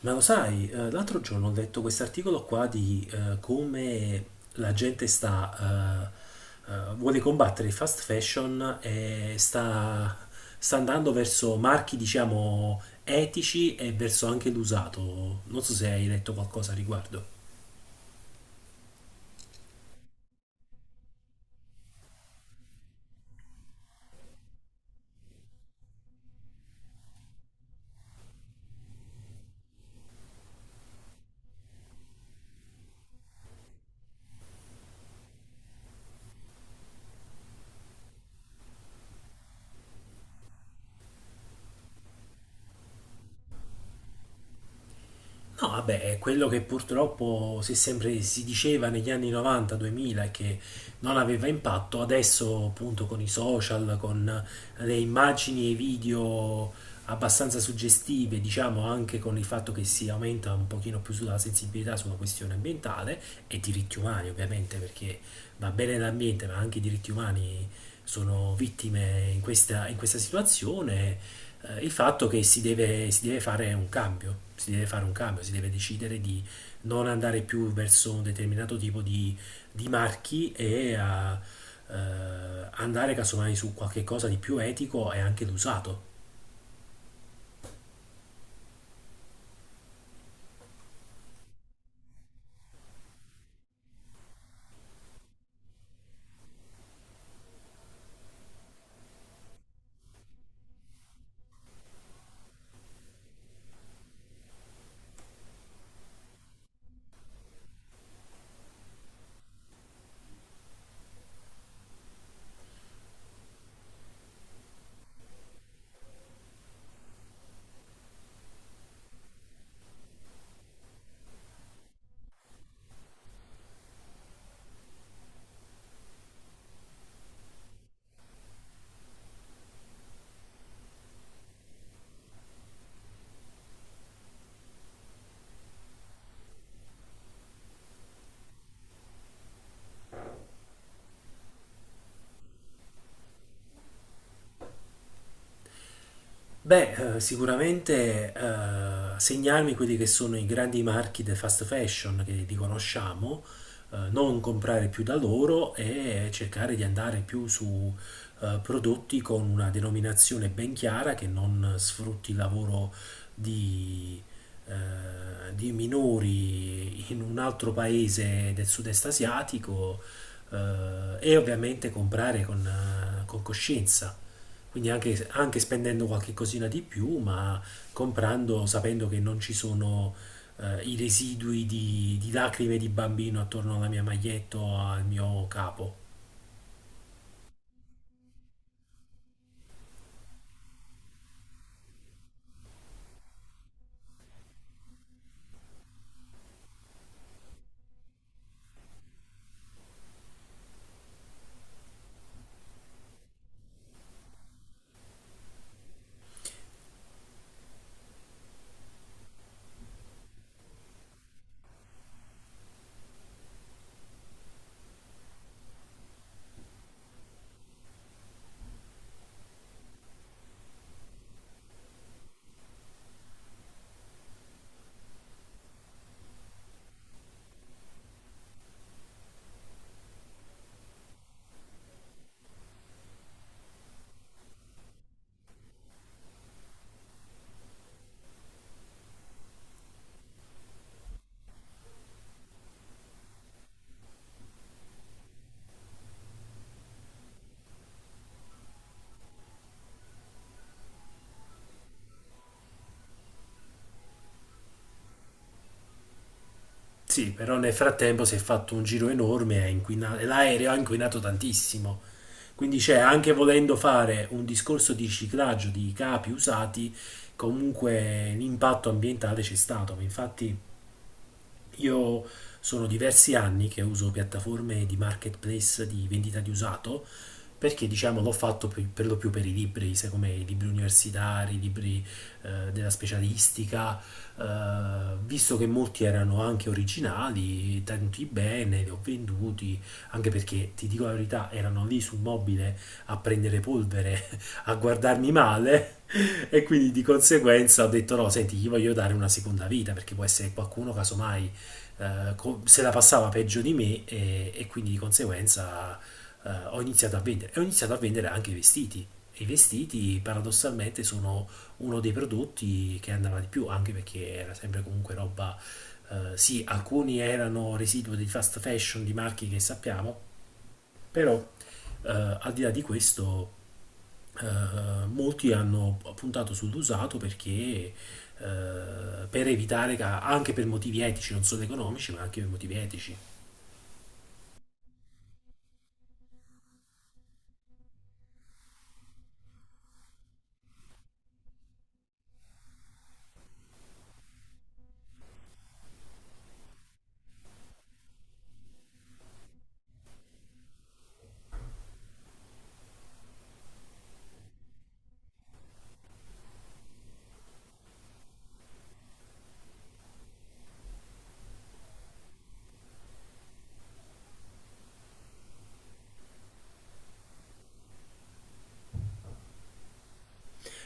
Ma lo sai, l'altro giorno ho letto quest'articolo qua di come la gente sta, vuole combattere il fast fashion e sta andando verso marchi, diciamo, etici e verso anche l'usato. Non so se hai letto qualcosa a riguardo. No, vabbè, è quello che purtroppo si diceva negli anni 90-2000 che non aveva impatto. Adesso appunto con i social, con le immagini e i video abbastanza suggestive, diciamo anche con il fatto che si aumenta un pochino più sulla sensibilità sulla questione ambientale e diritti umani ovviamente, perché va bene l'ambiente, ma anche i diritti umani sono vittime in questa situazione. Il fatto che si deve fare un cambio, si deve decidere di non andare più verso un determinato tipo di marchi e eh, andare casomai su qualche cosa di più etico e anche d'usato. Beh, sicuramente segnarmi quelli che sono i grandi marchi del fast fashion, che li conosciamo, non comprare più da loro e cercare di andare più su prodotti con una denominazione ben chiara, che non sfrutti il lavoro di, di minori in un altro paese del sud-est asiatico, e ovviamente comprare con coscienza. Quindi anche spendendo qualche cosina di più, ma comprando sapendo che non ci sono i residui di lacrime di bambino attorno alla mia maglietta o al mio capo. Sì, però nel frattempo si è fatto un giro enorme e l'aereo ha inquinato tantissimo. Quindi c'è, anche volendo fare un discorso di riciclaggio di capi usati, comunque l'impatto ambientale c'è stato. Infatti io sono diversi anni che uso piattaforme di marketplace di vendita di usato, perché diciamo l'ho fatto per lo più per i libri, sai, come i libri universitari, i libri della specialistica, visto che molti erano anche originali, tenuti bene, li ho venduti, anche perché ti dico la verità, erano lì sul mobile a prendere polvere, a guardarmi male e quindi di conseguenza ho detto: no, senti, gli voglio dare una seconda vita, perché può essere qualcuno casomai se la passava peggio di me e quindi di conseguenza ho iniziato a vendere. E ho iniziato a vendere anche i vestiti. E i vestiti paradossalmente sono uno dei prodotti che andava di più, anche perché era sempre comunque roba... sì, alcuni erano residuo di fast fashion di marchi che sappiamo, però al di là di questo molti hanno puntato sull'usato, perché per evitare, anche per motivi etici, non solo economici, ma anche per motivi etici.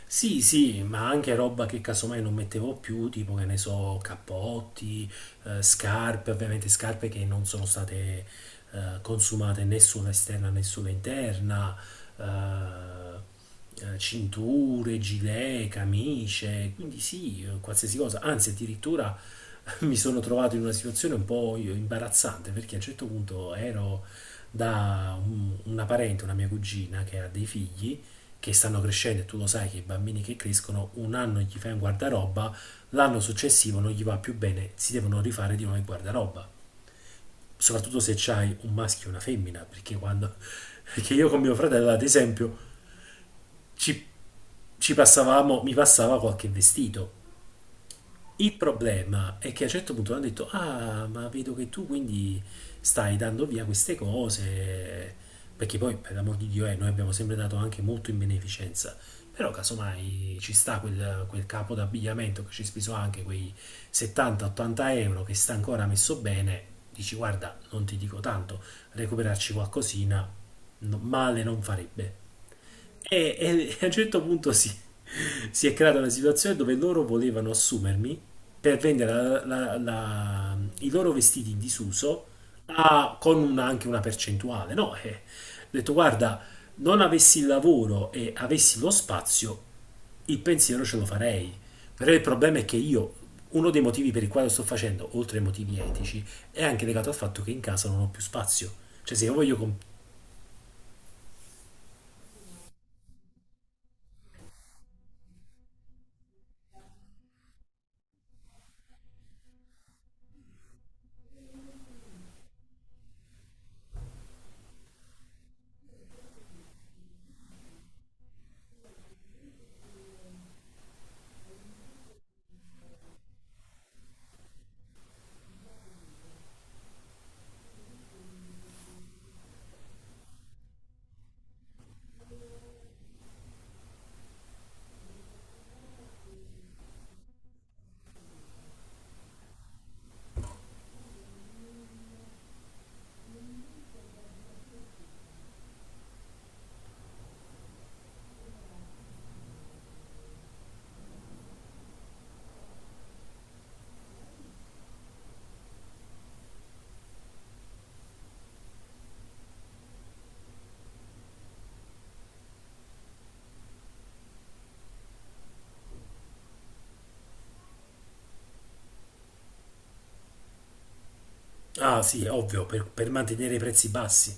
Sì, sì, ma anche roba che casomai non mettevo più, tipo che ne so, cappotti, scarpe, ovviamente scarpe che non sono state consumate né sulla esterna né sulla interna, eh, cinture, gilet, camicie, quindi sì, qualsiasi cosa. Anzi, addirittura mi sono trovato in una situazione un po' imbarazzante, perché a un certo punto ero da una parente, una mia cugina che ha dei figli che stanno crescendo, e tu lo sai che i bambini che crescono un anno gli fai un guardaroba, l'anno successivo non gli va più bene, si devono rifare di nuovo il guardaroba. Soprattutto se c'hai un maschio e una femmina, perché quando perché io con mio fratello, ad esempio, ci, ci passavamo, mi passava qualche vestito. Il problema è che a un certo punto hanno detto: ah, ma vedo che tu quindi stai dando via queste cose. Perché poi, per l'amor di Dio, noi abbiamo sempre dato anche molto in beneficenza. Però, casomai ci sta quel capo d'abbigliamento che ci ha speso anche quei 70-80 euro, che sta ancora messo bene. Dici: guarda, non ti dico tanto, recuperarci qualcosina male non farebbe. E a un certo punto si è creata una situazione dove loro volevano assumermi per vendere i loro vestiti in disuso, con anche una percentuale. No, eh. Ho detto: guarda, non avessi il lavoro e avessi lo spazio, il pensiero ce lo farei. Però il problema è che io, uno dei motivi per il quale lo sto facendo, oltre ai motivi etici, è anche legato al fatto che in casa non ho più spazio. Cioè, se io voglio... ah sì, ovvio, per mantenere i prezzi bassi.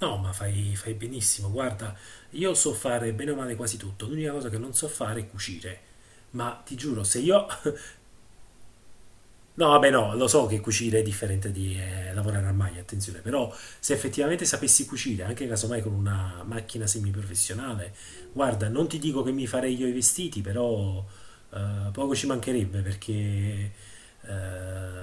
No, ma fai, fai benissimo. Guarda, io so fare bene o male quasi tutto. L'unica cosa che non so fare è cucire. Ma ti giuro, se io no, vabbè, no, lo so che cucire è differente di lavorare al maglia, attenzione, però se effettivamente sapessi cucire, anche casomai con una macchina semiprofessionale, guarda, non ti dico che mi farei io i vestiti, però poco ci mancherebbe, perché eh,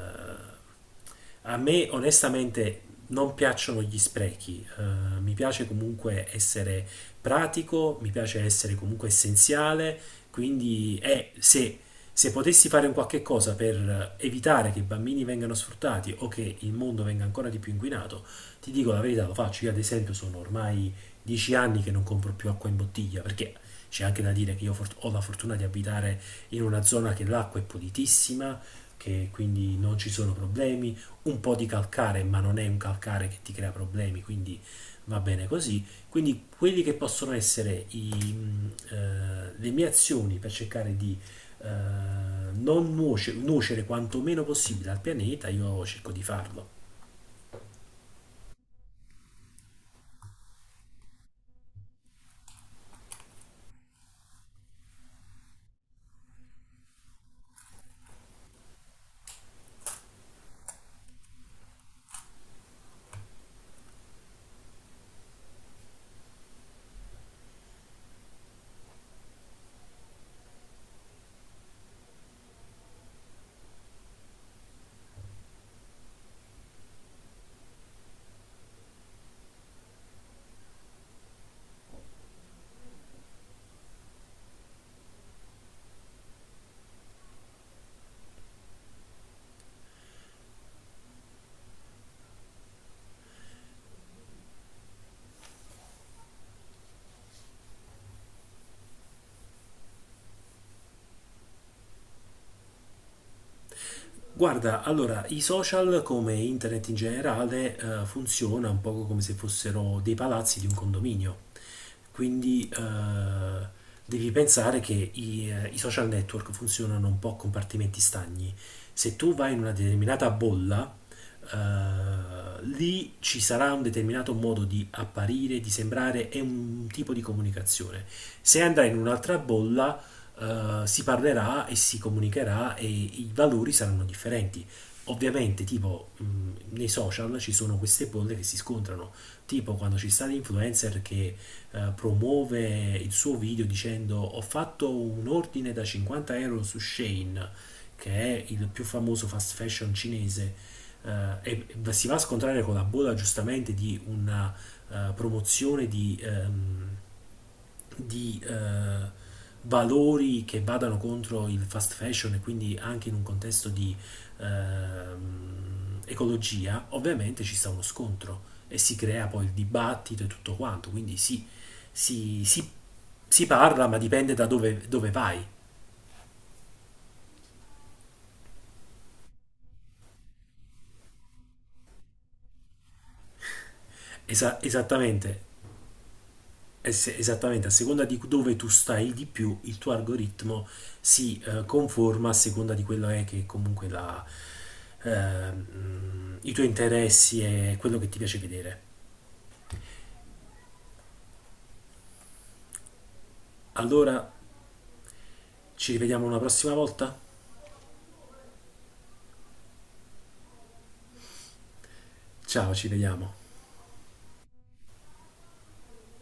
a me onestamente non piacciono gli sprechi, mi piace comunque essere pratico, mi piace essere comunque essenziale, quindi se potessi fare un qualche cosa per evitare che i bambini vengano sfruttati o che il mondo venga ancora di più inquinato, ti dico la verità, lo faccio. Io ad esempio sono ormai 10 anni che non compro più acqua in bottiglia, perché c'è anche da dire che io ho la fortuna di abitare in una zona che l'acqua è pulitissima, che quindi non ci sono problemi, un po' di calcare, ma non è un calcare che ti crea problemi, quindi va bene così. Quindi quelli che possono essere le mie azioni per cercare di non nuocere quanto meno possibile al pianeta, io cerco di farlo. Guarda, allora, i social come internet in generale funziona un poco come se fossero dei palazzi di un condominio. Quindi devi pensare che i social network funzionano un po' a compartimenti stagni. Se tu vai in una determinata bolla, lì ci sarà un determinato modo di apparire, di sembrare e un tipo di comunicazione. Se andrai in un'altra bolla, si parlerà e si comunicherà e i valori saranno differenti. Ovviamente, tipo, nei social ci sono queste bolle che si scontrano, tipo quando ci sta l'influencer che promuove il suo video dicendo: ho fatto un ordine da 50 euro su Shane, che è il più famoso fast fashion cinese, e si va a scontrare con la bolla, giustamente, di una promozione di valori che vadano contro il fast fashion e quindi anche in un contesto di ecologia, ovviamente ci sta uno scontro e si crea poi il dibattito e tutto quanto. Quindi sì, si, si- si parla, ma dipende dove vai. Esattamente. Esattamente, a seconda di dove tu stai di più, il tuo algoritmo si conforma a seconda di quello è che comunque i tuoi interessi e quello che ti piace vedere. Allora, ci rivediamo una prossima volta? Ciao, ci vediamo.